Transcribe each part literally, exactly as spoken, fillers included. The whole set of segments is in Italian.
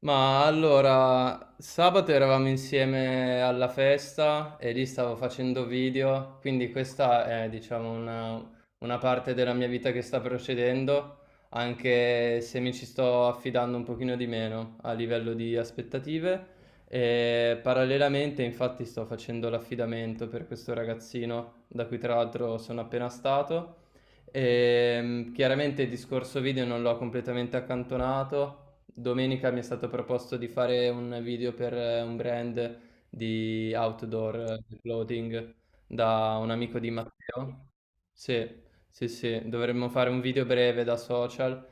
Ma allora, sabato eravamo insieme alla festa e lì stavo facendo video, quindi questa è, diciamo, una, una parte della mia vita che sta procedendo, anche se mi ci sto affidando un pochino di meno a livello di aspettative. E parallelamente, infatti, sto facendo l'affidamento per questo ragazzino, da cui tra l'altro sono appena stato. E chiaramente il discorso video non l'ho completamente accantonato. Domenica mi è stato proposto di fare un video per eh, un brand di outdoor, eh, clothing, da un amico di Matteo. Sì, sì, sì, dovremmo fare un video breve da social.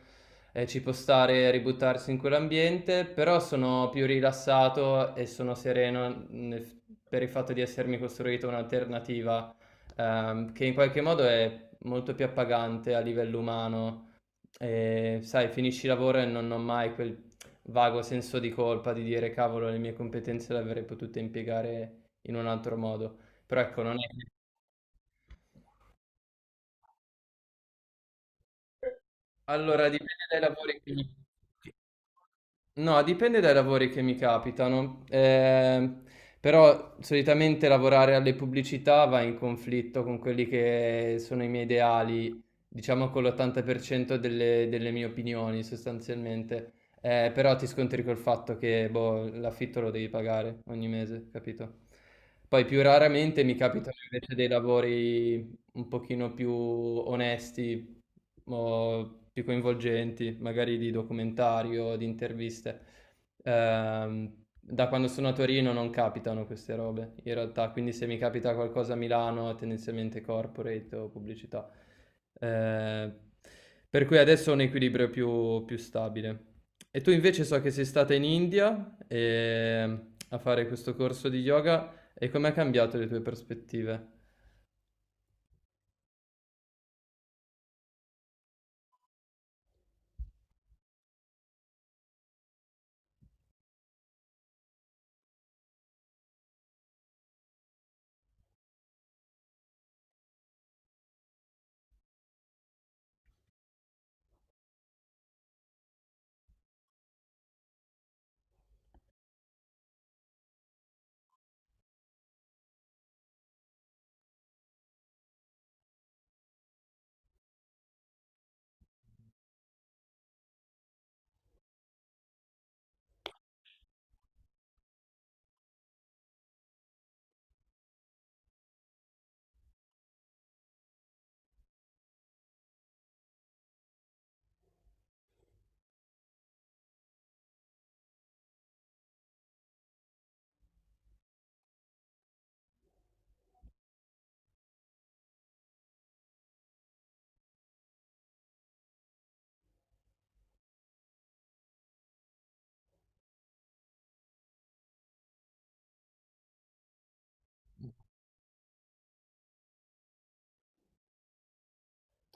eh, Ci può stare ributtarsi in quell'ambiente, però sono più rilassato e sono sereno nel- per il fatto di essermi costruito un'alternativa ehm, che in qualche modo è molto più appagante a livello umano. Ehm, sai, finisci il lavoro e non ho mai quel vago senso di colpa di dire: "Cavolo, le mie competenze le avrei potute impiegare in un altro modo". Però ecco, non è che allora dipende dai lavori che mi... No, dipende dai lavori che mi capitano, ehm, però solitamente lavorare alle pubblicità va in conflitto con quelli che sono i miei ideali, diciamo con l'ottanta per cento delle, delle mie opinioni sostanzialmente. Eh, però ti scontri col fatto che boh, l'affitto lo devi pagare ogni mese, capito? Poi più raramente mi capitano invece dei lavori un pochino più onesti o più coinvolgenti, magari di documentari o di interviste. Ehm, da quando sono a Torino non capitano queste robe, in realtà, quindi se mi capita qualcosa a Milano è tendenzialmente corporate o pubblicità. Eh, per cui adesso ho un equilibrio più, più stabile. E tu invece so che sei stata in India e- a fare questo corso di yoga, e come ha cambiato le tue prospettive?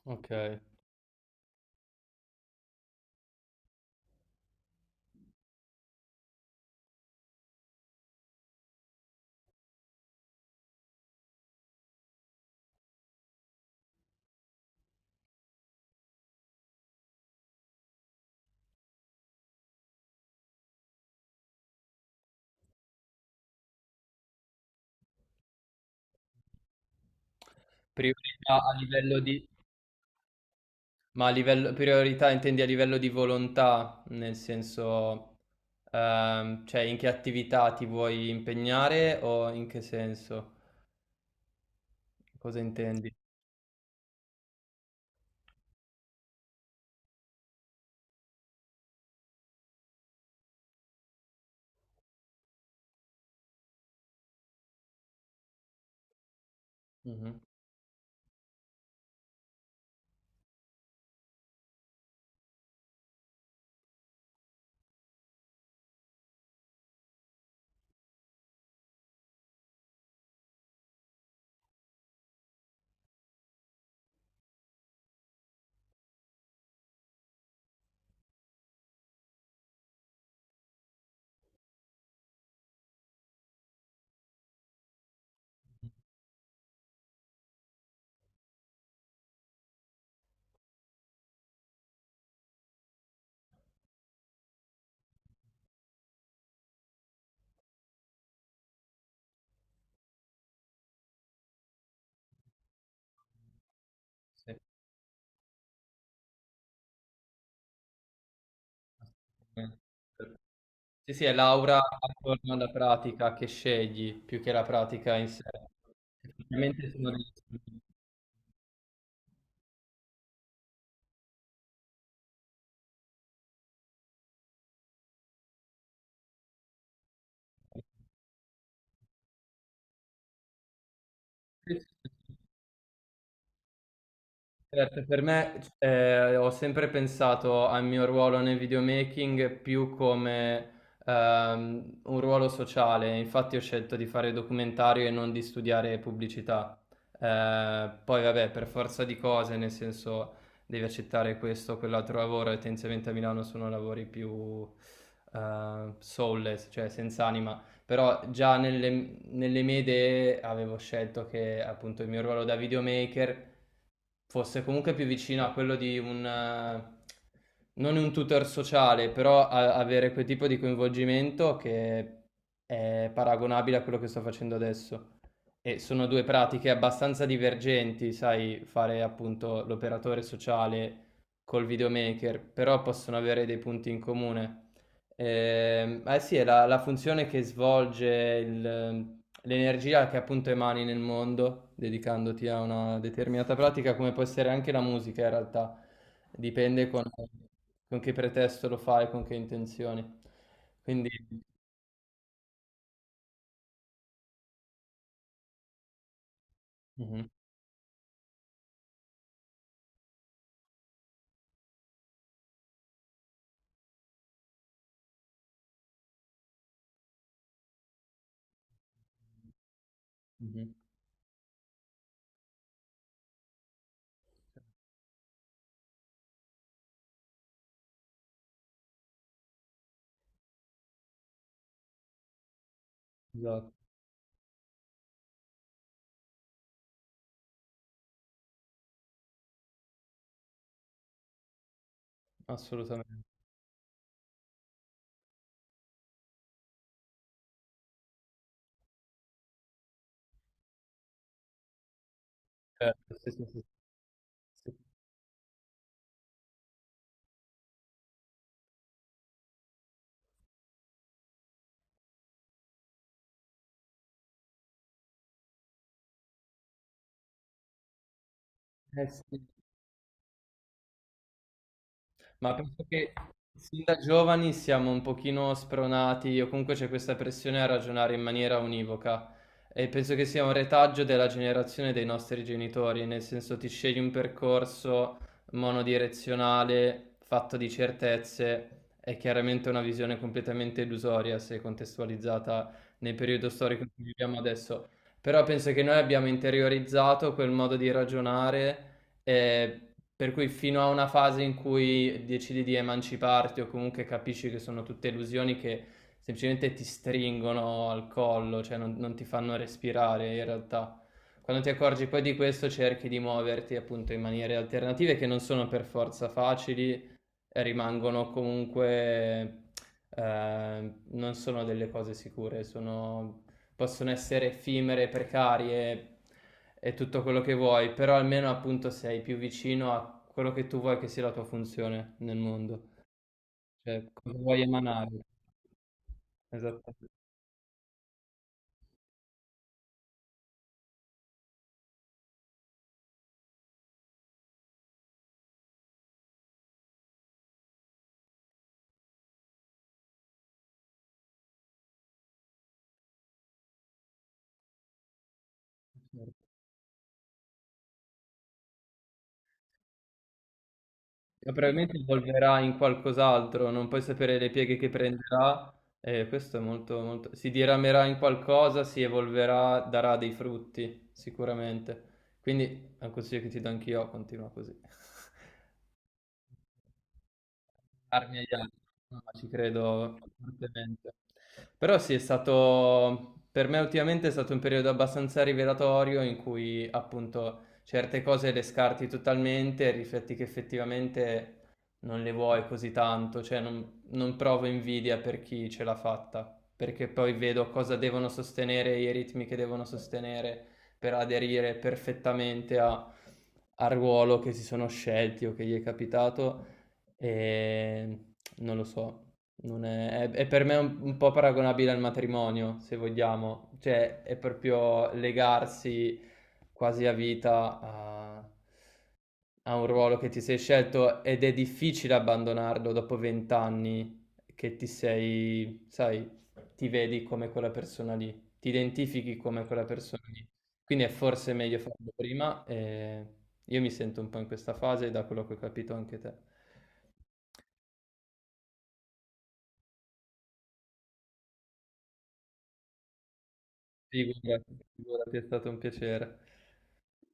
Ok. Priorità a livello di... Ma a livello... priorità intendi a livello di volontà, nel senso, ehm, cioè in che attività ti vuoi impegnare o in che senso? Cosa intendi? Mhm. Sì, assolutamente. Sì, sì, è l'aura attorno alla pratica che scegli più che la pratica in sé. Effettivamente sono degli strumenti. Certo, per me, eh, ho sempre pensato al mio ruolo nel videomaking più come ehm, un ruolo sociale, infatti ho scelto di fare documentario e non di studiare pubblicità. Eh, poi vabbè, per forza di cose, nel senso devi accettare questo o quell'altro lavoro e tendenzialmente a Milano sono lavori più eh, soulless, cioè senza anima. Però già nelle, nelle mie idee avevo scelto che appunto il mio ruolo da videomaker fosse comunque più vicino a quello di un, eh, non un tutor sociale, però a- avere quel tipo di coinvolgimento che è paragonabile a quello che sto facendo adesso. E sono due pratiche abbastanza divergenti, sai, fare appunto l'operatore sociale col videomaker, però possono avere dei punti in comune. Ehm, eh sì, è la, la funzione che svolge il- ehm, l'energia che appunto emani nel mondo, dedicandoti a una determinata pratica, come può essere anche la musica in realtà. Dipende con, con che pretesto lo fai, con che intenzioni. Quindi, mhm, mhm, esatto, assolutamente. Certo, sì, sì, sì, sì. Eh sì. Ma penso che sin da giovani siamo un pochino spronati, o comunque c'è questa pressione a ragionare in maniera univoca. E penso che sia un retaggio della generazione dei nostri genitori, nel senso ti scegli un percorso monodirezionale, fatto di certezze, è chiaramente una visione completamente illusoria se contestualizzata nel periodo storico in cui viviamo adesso. Però penso che noi abbiamo interiorizzato quel modo di ragionare. eh, per cui fino a una fase in cui decidi di emanciparti o comunque capisci che sono tutte illusioni che semplicemente ti stringono al collo, cioè non, non ti fanno respirare in realtà. Quando ti accorgi poi di questo cerchi di muoverti appunto in maniere alternative che non sono per forza facili, rimangono comunque, eh, non sono delle cose sicure, sono- possono essere effimere, precarie e tutto quello che vuoi, però almeno appunto sei più vicino a quello che tu vuoi che sia la tua funzione nel mondo, cioè cosa vuoi emanare. Esattamente. Certo. Ma probabilmente evolverà in qualcos'altro, non puoi sapere le pieghe che prenderà, e questo è molto, molto... Si diramerà in qualcosa, si evolverà, darà dei frutti, sicuramente. Quindi è un consiglio che ti do anch'io, continua così. Armi agli altri, no, ma ci credo fortemente. Però sì, è stato, per me ultimamente è stato un periodo abbastanza rivelatorio in cui appunto certe cose le scarti totalmente e rifletti che effettivamente non le vuoi così tanto, cioè non, non provo invidia per chi ce l'ha fatta, perché poi vedo cosa devono sostenere, i ritmi che devono sostenere per aderire perfettamente a- al ruolo che si sono scelti o che gli è capitato. Ehm, non lo so, non è, è- è per me un, un po' paragonabile al matrimonio, se vogliamo, cioè è proprio legarsi quasi a vita a, a un ruolo che ti sei scelto ed è difficile abbandonarlo dopo vent'anni che ti sei, sai, ti vedi come quella persona lì, ti identifichi come quella persona lì. Quindi è forse meglio farlo prima, e io mi sento un po' in questa fase, da quello che ho capito anche te. Figurati, figurati, è stato un piacere.